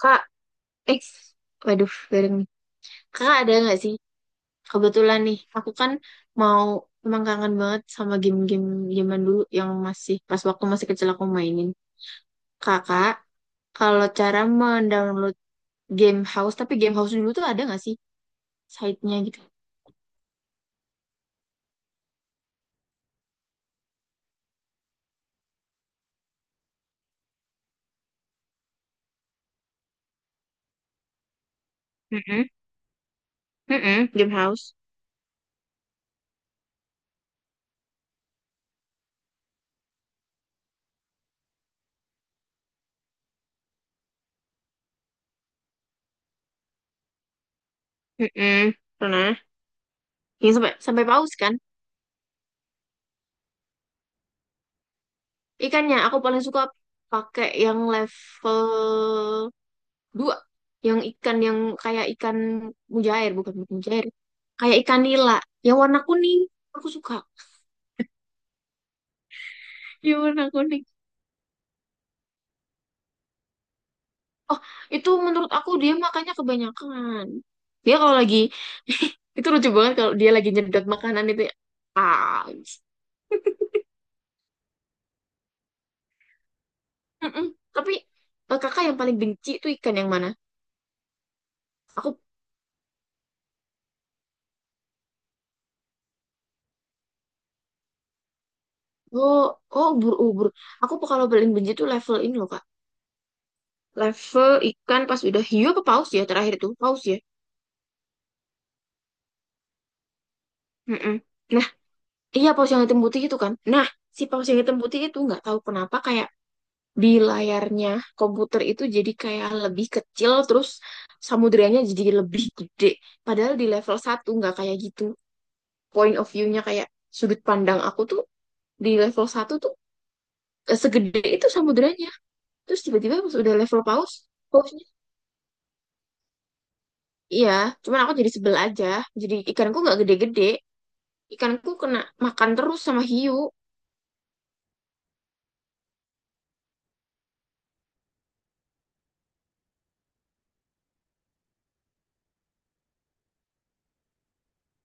Kak, eh, waduh, bareng nih. Kakak ada nggak sih? Kebetulan nih, aku kan mau emang kangen banget sama game-game zaman dulu yang masih pas waktu masih kecil aku mainin. Kakak, kalau cara mendownload game house, tapi game house dulu tuh ada nggak sih site-nya gitu? Mm-mm, mm-mm, game house. Mm-mm, pernah. Yang sampai sampai paus kan? Ikannya aku paling suka pakai yang level 2, yang ikan yang kayak ikan mujair, bukan mujair. Kayak ikan nila. Yang warna kuning. Aku suka. Yang warna kuning. Oh, itu menurut aku dia makannya kebanyakan. Dia kalau lagi... itu lucu banget kalau dia lagi nyedot makanan itu ya. Ah. Mm-mm. Tapi kakak yang paling benci itu ikan yang mana? Aku... Oh, oh, ubur-ubur. Aku kalau paling benci itu level ini loh, Kak. Level ikan pas udah hiu apa paus ya, terakhir itu paus ya. Mm-mm. Nah, iya, paus yang hitam putih itu kan. Nah, si paus yang hitam putih itu nggak tahu kenapa kayak di layarnya komputer itu jadi kayak lebih kecil, terus samudranya jadi lebih gede, padahal di level satu nggak kayak gitu. Point of view-nya kayak sudut pandang aku tuh di level satu tuh segede itu samudranya, terus tiba-tiba pas udah level paus, pausnya, iya, cuman aku jadi sebel aja, jadi ikanku nggak gede-gede, ikanku kena makan terus sama hiu.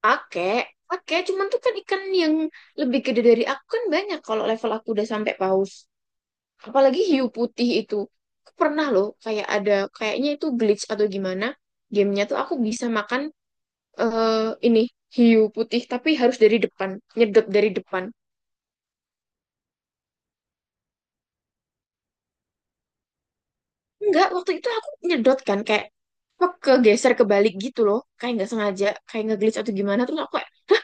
Pakai pakai, cuman tuh kan ikan yang lebih gede dari aku kan banyak, kalau level aku udah sampai paus, apalagi hiu putih itu. Aku pernah loh, kayak ada, kayaknya itu glitch atau gimana gamenya tuh, aku bisa makan eh ini hiu putih, tapi harus dari depan, nyedot dari depan. Enggak, waktu itu aku nyedot kan, kayak apa, kegeser kebalik gitu loh, kayak nggak sengaja, kayak nge-glitch atau gimana, terus aku kayak, hah,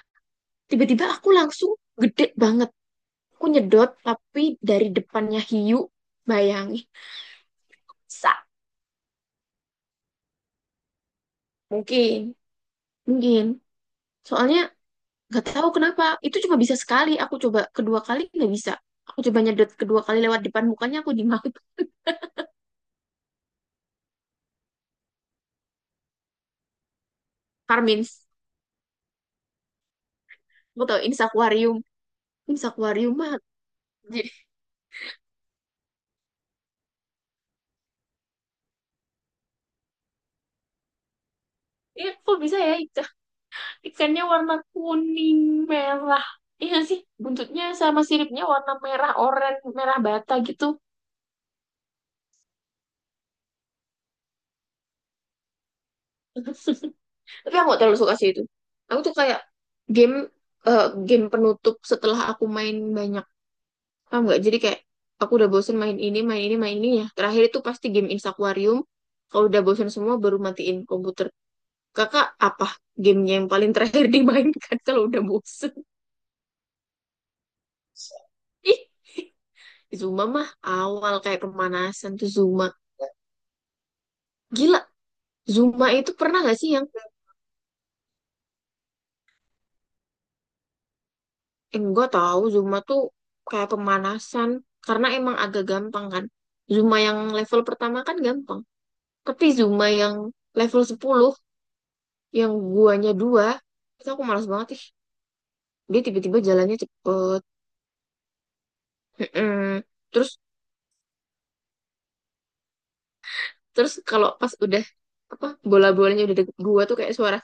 tiba-tiba aku langsung gede banget. Aku nyedot tapi dari depannya hiu, bayangin. Sa, mungkin, mungkin. Soalnya nggak tahu kenapa itu cuma bisa sekali. Aku coba kedua kali nggak bisa. Aku coba nyedot kedua kali lewat depan mukanya aku dimaki Karmin. Aku tahu ini akuarium mah. Jadi, ya, kok bisa ya ikan, ikannya warna kuning merah. Iya nggak sih, buntutnya sama siripnya warna merah oranye, merah bata gitu. Tapi aku gak terlalu suka sih itu. Aku tuh kayak game eh, game penutup setelah aku main banyak, paham nggak, jadi kayak aku udah bosen main ini, main ini, main ini ya, terakhir itu pasti game Instaquarium. Kalau udah bosen semua baru matiin komputer. Kakak apa gamenya yang paling terakhir dimainkan kalau udah bosen? Ih, Zuma mah awal, kayak pemanasan tuh Zuma. Gila, Zuma itu pernah gak sih yang, enggak, tahu Zumba tuh kayak pemanasan karena emang agak gampang kan. Zumba yang level pertama kan gampang. Tapi Zumba yang level sepuluh, yang guanya dua, itu aku malas banget ih. Dia tiba-tiba jalannya cepet. Mm-mm. Terus terus kalau pas udah apa, bola-bolanya udah deket gua tuh kayak suara,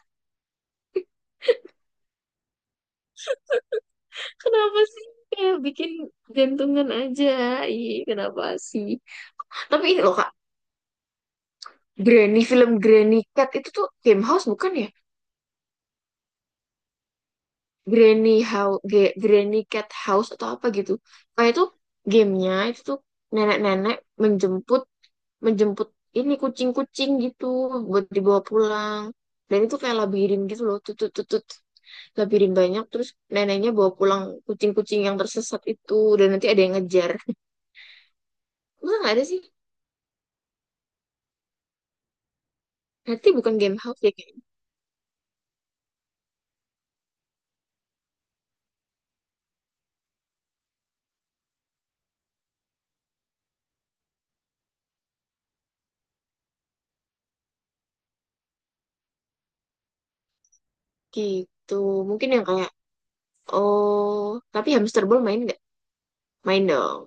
kenapa sih, kayak bikin jantungan aja. Ih, kenapa sih? Tapi ini loh Kak, Granny film Granny Cat itu tuh game house bukan ya? Granny House, Granny Cat House atau apa gitu. Kayak itu gamenya itu tuh nenek-nenek menjemput menjemput ini kucing-kucing gitu buat dibawa pulang. Dan itu kayak labirin gitu loh, tutut tutut, labirin banyak, terus neneknya bawa pulang kucing-kucing yang tersesat itu, dan nanti ada yang ngejar. Masa nggak ada sih? Nanti bukan game house ya kayak gitu. Mungkin yang kayak, oh, tapi hamster ball main nggak? Main dong.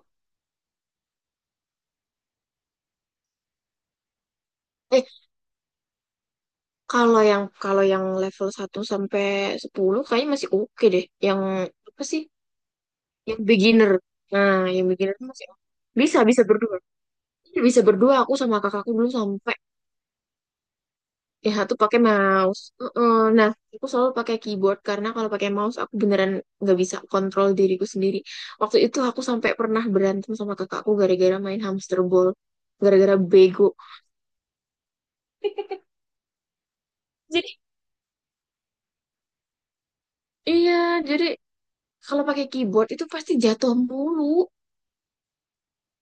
Eh, kalau yang level satu sampai 10 kayaknya masih oke deh. Yang apa sih? Yang beginner. Nah, yang beginner tuh masih oke. Bisa, bisa berdua. Iya, bisa berdua aku sama kakakku dulu sampai yang satu pakai mouse. Heeh. Nah, aku selalu pakai keyboard karena kalau pakai mouse aku beneran nggak bisa kontrol diriku sendiri. Waktu itu aku sampai pernah berantem sama kakakku gara-gara main hamster ball, gara-gara bego. Jadi, iya, jadi kalau pakai keyboard itu pasti jatuh mulu.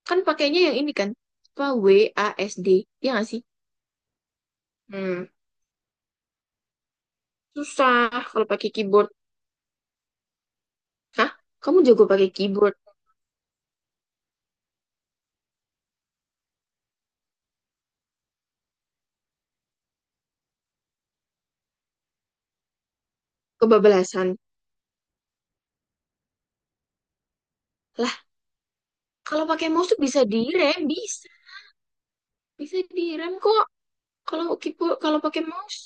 Kan pakainya yang ini kan, apa, WASD, ya nggak sih? Hmm. Susah kalau pakai keyboard. Hah? Kamu jago pakai keyboard, kebablasan. Lah, kalau pakai mouse tuh bisa direm, bisa. Bisa direm kok. Kalau keyboard, kalau pakai mouse.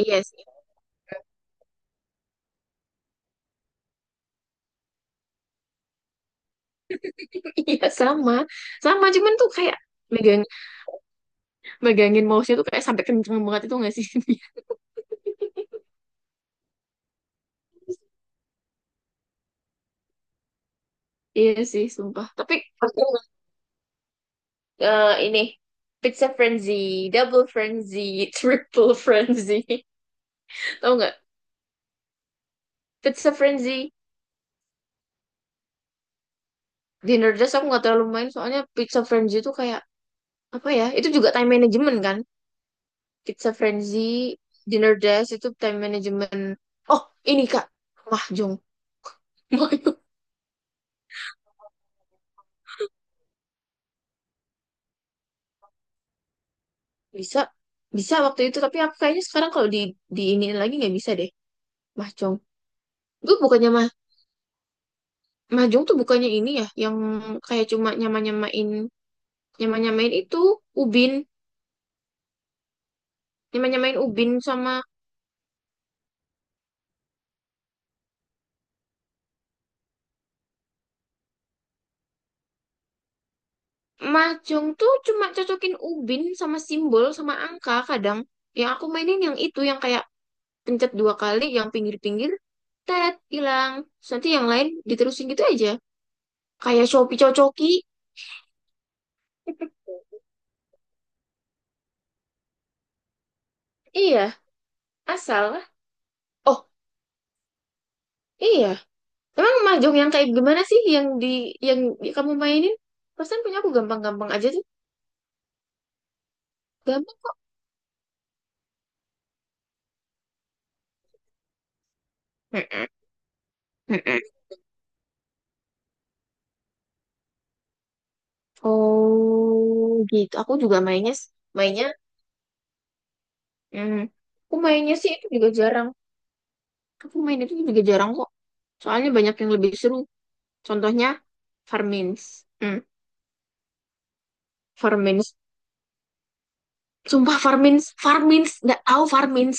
Iya sih. Iya, sama. Sama, cuman tuh kayak megang megangin mouse-nya tuh kayak sampai kenceng banget itu nggak sih? Iya sih, sumpah. Tapi aku, ini pizza frenzy, double frenzy, triple frenzy. Tahu nggak Pizza Frenzy, dinner Nerdist aku nggak terlalu main soalnya Pizza Frenzy itu kayak apa ya, itu juga time management kan. Pizza Frenzy dinner Nerdist itu time management. Oh, ini kak, mahjong. Mahjong, bisa, bisa waktu itu, tapi aku kayaknya sekarang kalau di ini lagi nggak bisa deh. Mahjong, gue bukannya mah, mahjong tuh bukannya ini ya yang kayak cuma nyama nyamain, nyama nyamain itu ubin, nyama nyamain ubin sama, mahjong tuh cuma cocokin ubin sama simbol sama angka kadang. Yang aku mainin yang itu yang kayak pencet dua kali, yang pinggir-pinggir tet hilang. Terus nanti yang lain diterusin gitu aja. Kayak Shopee cocoki. Iya, asal. Oh, iya. Emang mahjong yang kayak gimana sih yang di kamu mainin? Pesan punya aku gampang-gampang aja tuh. Gampang kok. Mm-mm, mm-mm. Oh, gitu. Aku juga mainnya, mainnya, hmm, aku mainnya sih itu juga jarang. Aku main itu juga jarang kok. Soalnya banyak yang lebih seru. Contohnya Farmins. Hmm, Farmins. Sumpah Farmins, Farmins, nggak tahu Farmins.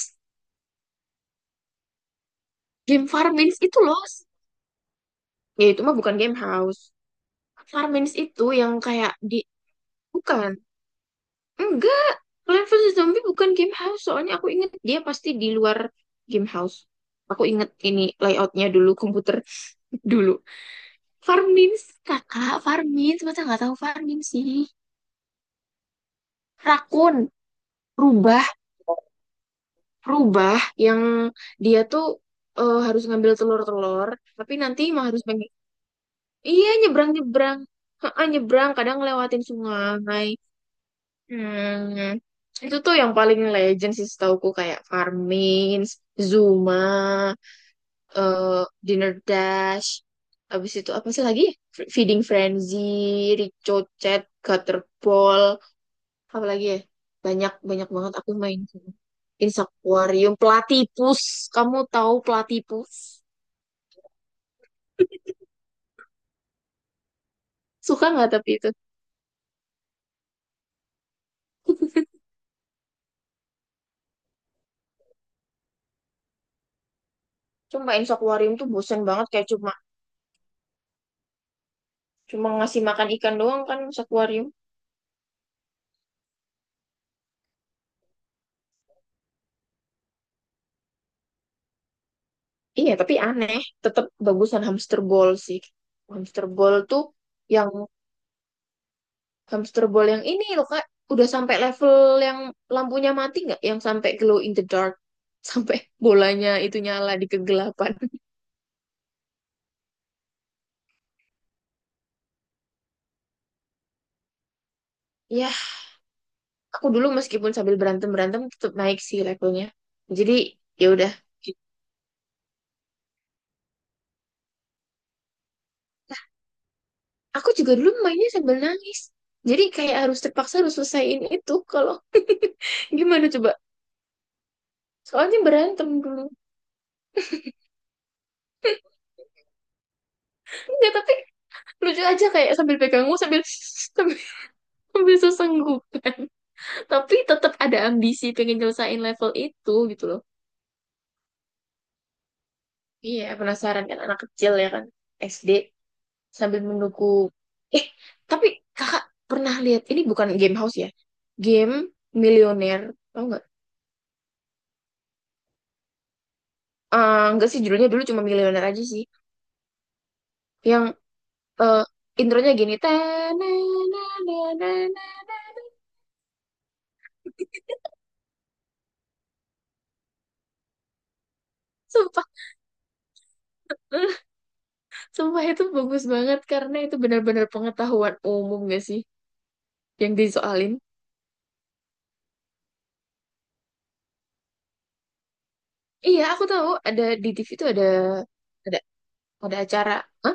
Game Farmins itu loh. Ya itu mah bukan game house. Farmins itu yang kayak di, bukan. Enggak. Plant versus Zombie bukan game house. Soalnya aku inget dia pasti di luar game house. Aku inget ini layoutnya dulu komputer dulu. Farmins, kakak, Farmins, masa nggak tahu Farmins sih? Rakun, rubah, rubah yang dia tuh, harus ngambil telur-telur, tapi nanti mah harus pengen, iya, nyebrang-nyebrang. Heeh, nyebrang kadang ngelewatin sungai. Hmm. Itu tuh yang paling legend sih setauku kayak Farmins, Zuma, eh, Dinner Dash, abis itu apa sih lagi? Feeding Frenzy, Ricochet, Gutterball. Apalagi ya, banyak, banyak banget aku main, sama Insect aquarium, platypus, kamu tahu platypus? Suka nggak, tapi itu cuma Insect aquarium tuh bosen banget kayak cuma cuma ngasih makan ikan doang kan, Insect. Iya tapi aneh, tetap bagusan hamster ball sih, hamster ball tuh yang hamster ball yang ini loh kak, udah sampai level yang lampunya mati nggak, yang sampai glow in the dark, sampai bolanya itu nyala di kegelapan. Ya, aku dulu meskipun sambil berantem berantem tetap naik sih levelnya, jadi ya udah. Aku juga dulu mainnya sambil nangis, jadi kayak harus terpaksa harus selesaiin itu kalau gimana coba, soalnya berantem dulu. Enggak, tapi lucu aja kayak sambil pegangmu sambil sambil, sambil sesenggukan, tapi tetap ada ambisi pengen nyelesain level itu gitu loh. Iya, penasaran kan, anak kecil ya kan, SD, sambil menunggu, eh tapi kakak pernah lihat ini, bukan game house ya, game milioner, tau nggak? Nggak sih judulnya dulu cuma milioner aja sih, yang, eh, intronya gini, "Tanananananana." Sumpah, sumpah itu bagus banget karena itu benar-benar pengetahuan umum gak sih yang disoalin. Iya, aku tahu ada di TV itu, ada ada acara, ah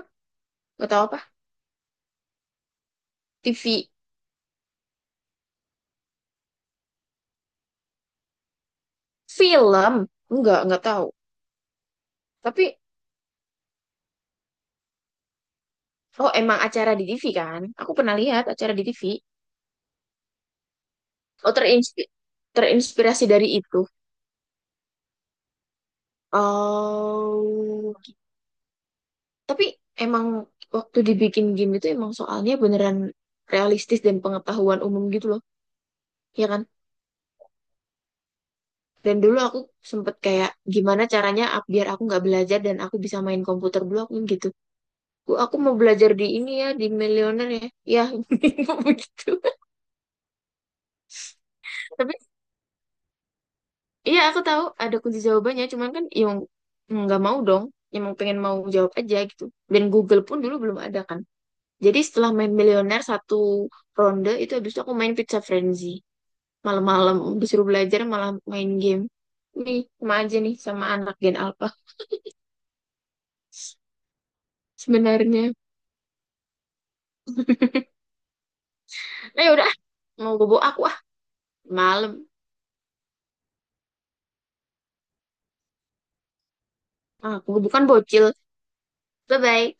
nggak tahu apa, TV, film, enggak, nggak tahu tapi, oh, emang acara di TV kan? Aku pernah lihat acara di TV. Oh, terinspirasi dari itu. Oh, tapi emang waktu dibikin game itu emang soalnya beneran realistis dan pengetahuan umum gitu loh, ya kan? Dan dulu aku sempet kayak gimana caranya biar aku nggak belajar dan aku bisa main komputer dulu aku gitu. Aku mau belajar di ini ya, di Millionaire ya. Ya, begitu. Tapi iya, aku tahu ada kunci jawabannya, cuman kan yang nggak mau dong, yang mau pengen mau jawab aja gitu. Dan Google pun dulu belum ada kan. Jadi setelah main Millionaire satu ronde itu habis itu aku main Pizza Frenzy. Malam-malam disuruh belajar malah main game. Nih, sama aja nih sama anak Gen Alpha sebenarnya. Nah, yaudah, ah, mau bobo aku ah. Malam. Aku bukan bocil. Bye-bye.